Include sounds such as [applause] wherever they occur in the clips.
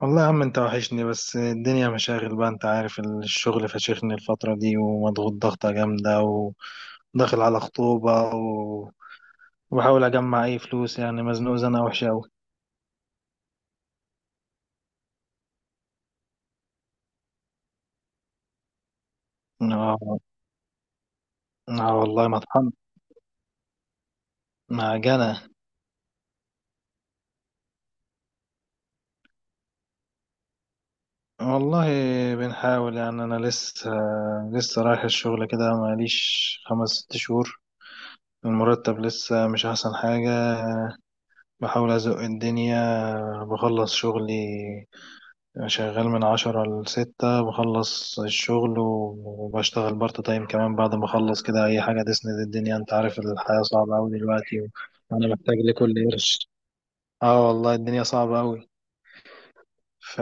والله يا عم، انت وحشني. بس الدنيا مشاغل بقى، انت عارف. الشغل فشخني الفترة دي، ومضغوط ضغطة جامدة، وداخل على خطوبة وبحاول اجمع اي فلوس. يعني مزنوق زنقة وحشة اوي. اه. اه، والله مطحن، معجنة. والله بنحاول، يعني انا لسه رايح الشغل كده، ماليش خمس ست شهور. المرتب لسه مش احسن حاجة، بحاول ازق الدنيا، بخلص شغلي. يعني شغال من عشرة لستة، بخلص الشغل وبشتغل بارت تايم كمان بعد ما أخلص كده، أي حاجة تسند الدنيا. أنت عارف، الحياة صعبة أوي دلوقتي، وأنا محتاج لكل قرش. اه والله الدنيا صعبة أوي. ف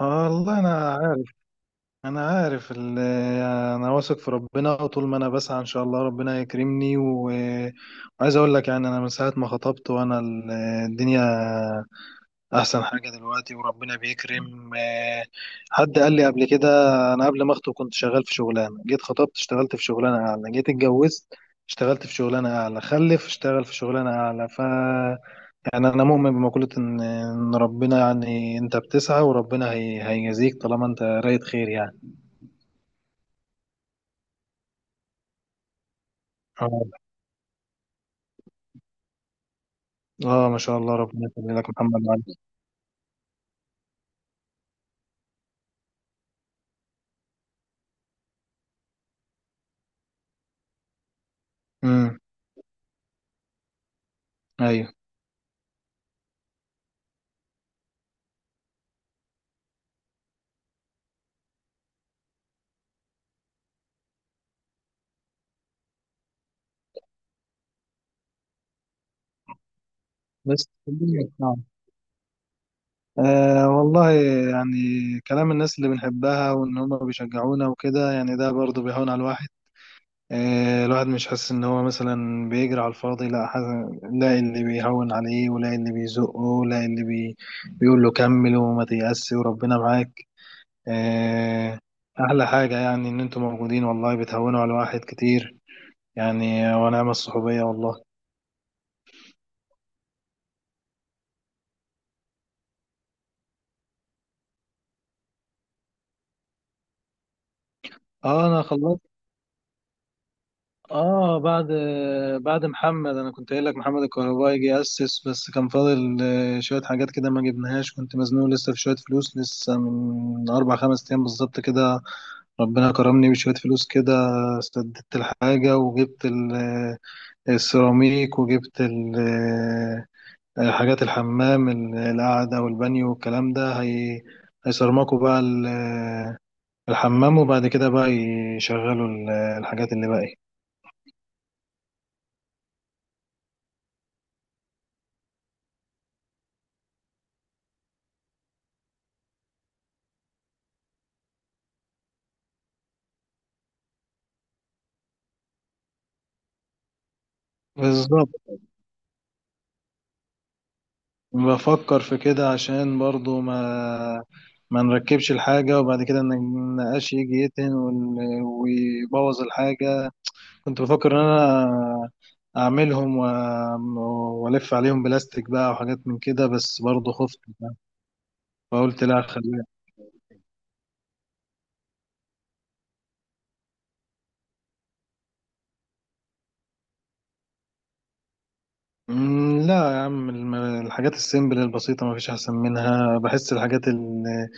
آه والله أنا عارف. أنا عارف ال- أنا واثق في ربنا، وطول ما أنا بسعى إن شاء الله ربنا يكرمني. وعايز أقول لك يعني، أنا من ساعة ما خطبت وأنا الدنيا احسن حاجه دلوقتي، وربنا بيكرم. حد قال لي قبل كده، انا قبل ما اخطب كنت شغال في شغلانه، جيت خطبت اشتغلت في شغلانه اعلى، جيت اتجوزت اشتغلت في شغلانه اعلى، خلف اشتغل في شغلانه اعلى. يعني انا مؤمن بمقوله ان ربنا، يعني انت بتسعى وربنا هيجازيك طالما انت رايت خير يعني. اه. اه، ما شاء الله، ربنا يخلي لك محمد علي. امم ايوه. بس والله يعني، كلام الناس اللي بنحبها، وإن هما بيشجعونا وكده، يعني ده برضه بيهون على الواحد. أه، الواحد مش حاسس إن هو مثلا بيجري على الفاضي، لا حاسس، لا اللي بيهون عليه، ولا اللي بيزقه، لا اللي بي بيقول له كمل وما تيأس وربنا معاك. أه. أحلى حاجة يعني إن أنتوا موجودين، والله بتهونوا على الواحد كتير. يعني ونعم الصحوبية والله. اه انا خلصت. اه، بعد محمد، انا كنت قايل لك محمد الكهربائي جه اسس، بس كان فاضل شويه حاجات كده ما جبناهاش، كنت مزنوق لسه في شويه فلوس. لسه من اربع خمس ايام بالظبط كده ربنا كرمني بشويه فلوس كده، سددت الحاجه وجبت السيراميك، وجبت حاجات الحمام، القعده والبانيو والكلام ده. هي هيصرمكوا بقى الحمام، وبعد كده بقى يشغلوا الحاجات اللي باقي. بالظبط، بفكر في كده عشان برضو ما نركبش الحاجة، وبعد كده إن النقاش يجي يتهن ويبوظ الحاجة. كنت بفكر إن أنا أعملهم وألف عليهم بلاستيك بقى، وحاجات من كده، بس برضو خفت فقلت لا خليها. مم، لا يا عم، الحاجات السيمبل البسيطة مفيش أحسن منها. بحس الحاجات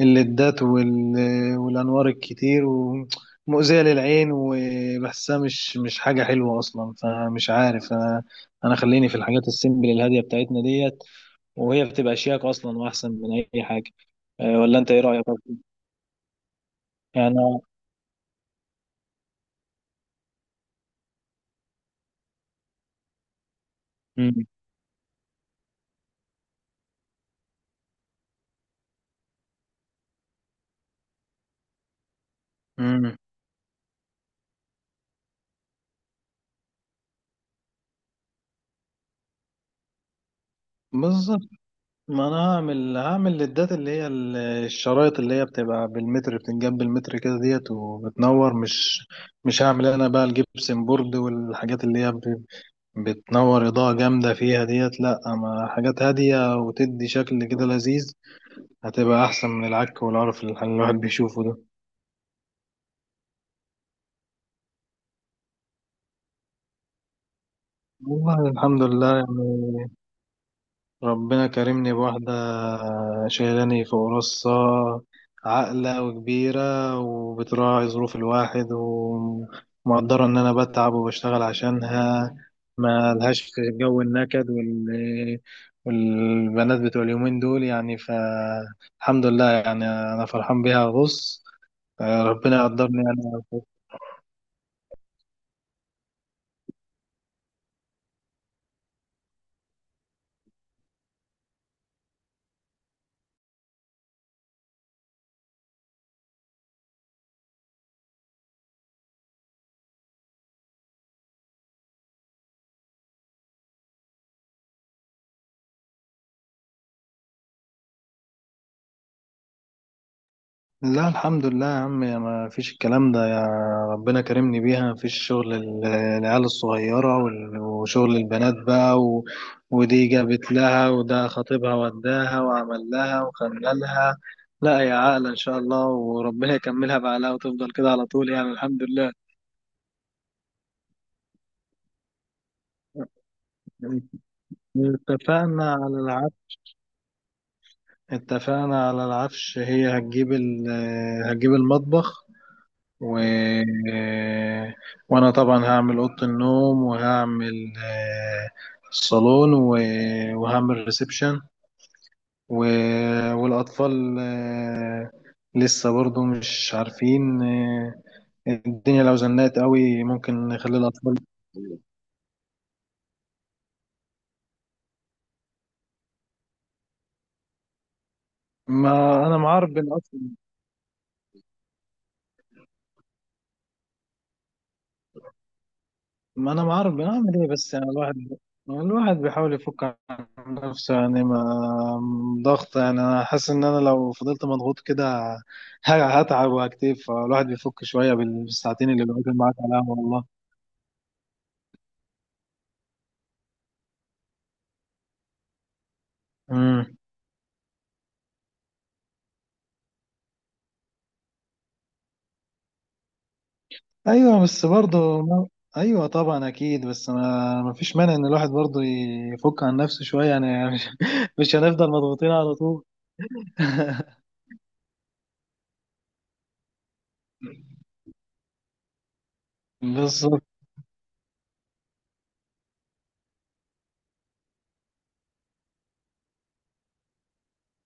الليدات والأنوار الكتير ومؤذية للعين، وبحسها مش حاجة حلوة أصلا، فمش عارف. أنا خليني في الحاجات السيمبل الهادية بتاعتنا ديت، وهي بتبقى شياك أصلا وأحسن من أي حاجة. أه، ولا أنت إيه رأيك أصلاً؟ يعني. مم. مم. بالظبط. ما انا هعمل للدات اللي هي الشرايط، اللي هي بتبقى بالمتر، بتنجاب بالمتر كده ديت وبتنور. مش هعمل انا بقى الجبسن بورد والحاجات اللي هي بتنور اضاءة جامدة فيها ديت، لا اما حاجات هادية وتدي شكل كده لذيذ، هتبقى احسن من العك والعرف اللي الواحد بيشوفه ده. والله الحمد لله يعني، ربنا كرمني بواحدة شايلاني فوق راسها، عاقلة وكبيرة، وبتراعي ظروف الواحد، ومقدرة إن أنا بتعب وبشتغل عشانها. ما لهاش في جو النكد والبنات بتوع اليومين دول. يعني فالحمد لله، يعني أنا فرحان بيها. بص، ربنا يقدرني أنا. لا، الحمد لله يا عم، يا ما فيش الكلام ده يا. ربنا كرمني بيها، ما فيش شغل العيال الصغيرة وشغل البنات بقى. ودي جابت لها وده خطيبها وداها وعمل لها وخللها، لا يا عاقلة إن شاء الله، وربنا يكملها بعقلها وتفضل كده على طول يعني، الحمد لله. اتفقنا على العفش. اتفقنا على العفش، هي هتجيب المطبخ. و... وانا طبعا هعمل اوضه النوم، وهعمل الصالون. وهعمل ريسبشن. و... والاطفال لسه برضو مش عارفين. الدنيا لو زنقت قوي ممكن نخلي الاطفال... ما انا معار ما انا ما اعرف بنعمل ايه، بس يعني الواحد، الواحد بيحاول يفك عن نفسه. يعني ما ضغط يعني، انا حاسس ان انا لو فضلت مضغوط كده هتعب وهكتف، فالواحد بيفك شويه بالساعتين اللي بيقعد معاك على القهوه والله. امم ايوه، بس برضه ما... ايوه طبعا اكيد، بس انا ما فيش مانع ان الواحد برضه يفك عن نفسه شويه يعني. [laughs] مش هنفضل مضغوطين على طول. [laughs] بالظبط.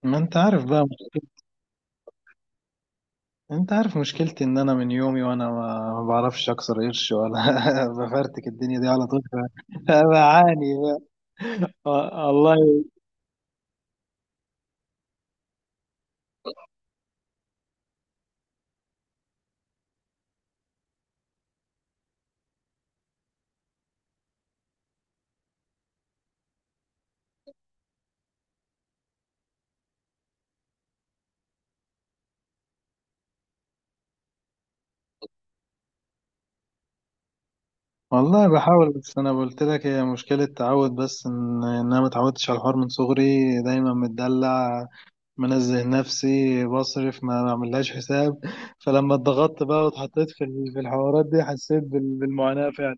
ما انت عارف بقى، انت عارف مشكلتي، ان انا من يومي وانا ما بعرفش اكسر قرش، ولا [laughs] بفرتك الدنيا دي على طول. فبعاني بقى. و- والله. والله بحاول، بس انا قلت لك هي مشكلة تعود، بس ان انا ما اتعودتش على الحوار من صغري. دايما متدلع، منزه نفسي بصرف، ما بعملهاش حساب. فلما اتضغطت بقى واتحطيت في في الحوارات دي، حسيت بالمعاناة فعلا.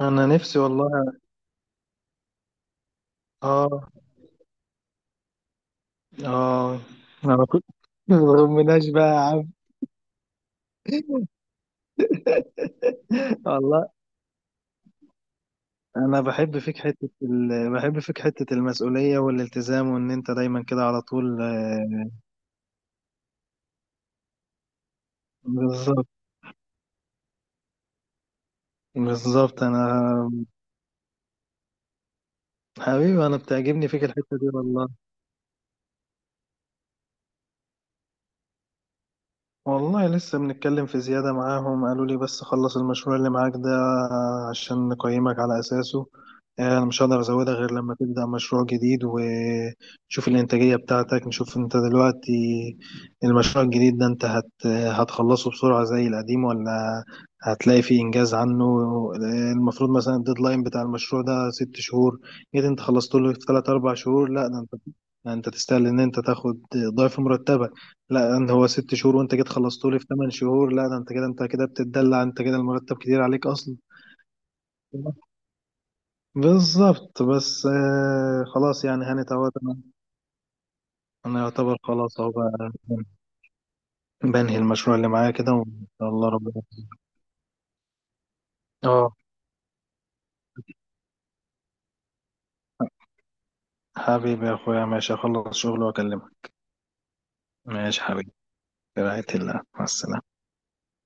انا نفسي والله. اه. اه، انا كنت [laughs] ما بغمناش بقى يا عم. [laughs] والله. انا بحب فيك حته المسؤوليه والالتزام، وان انت دايما كده على طول. بالظبط، بالظبط. انا حبيبي، انا بتعجبني فيك الحته دي والله. والله لسه بنتكلم في زيادة معاهم، قالوا لي بس خلص المشروع اللي معاك ده عشان نقيمك على أساسه. أنا مش هقدر أزودها غير لما تبدأ مشروع جديد، ونشوف الإنتاجية بتاعتك، نشوف أنت دلوقتي المشروع الجديد ده، أنت هتخلصه بسرعة زي القديم، ولا هتلاقي فيه إنجاز عنه. المفروض مثلا الديدلاين بتاع المشروع ده 6 شهور، جيت أنت خلصته له في تلات أربع شهور، لا ده أنت، ده أنت تستاهل إن أنت تاخد ضعف مرتبك. لا، ده هو 6 شهور وانت جيت خلصته لي في 8 شهور، لا ده انت كده، انت كده بتتدلع، انت كده المرتب كتير عليك اصلا. بالظبط، بس خلاص يعني هانت اهوت انا، انا يعتبر خلاص اهو بقى، بنهي المشروع اللي معايا كده وان شاء الله ربنا... اه. حبيبي يا اخويا، ماشي اخلص شغل واكلمك. ماشي حبيبي، برعاية الله مع السلامة.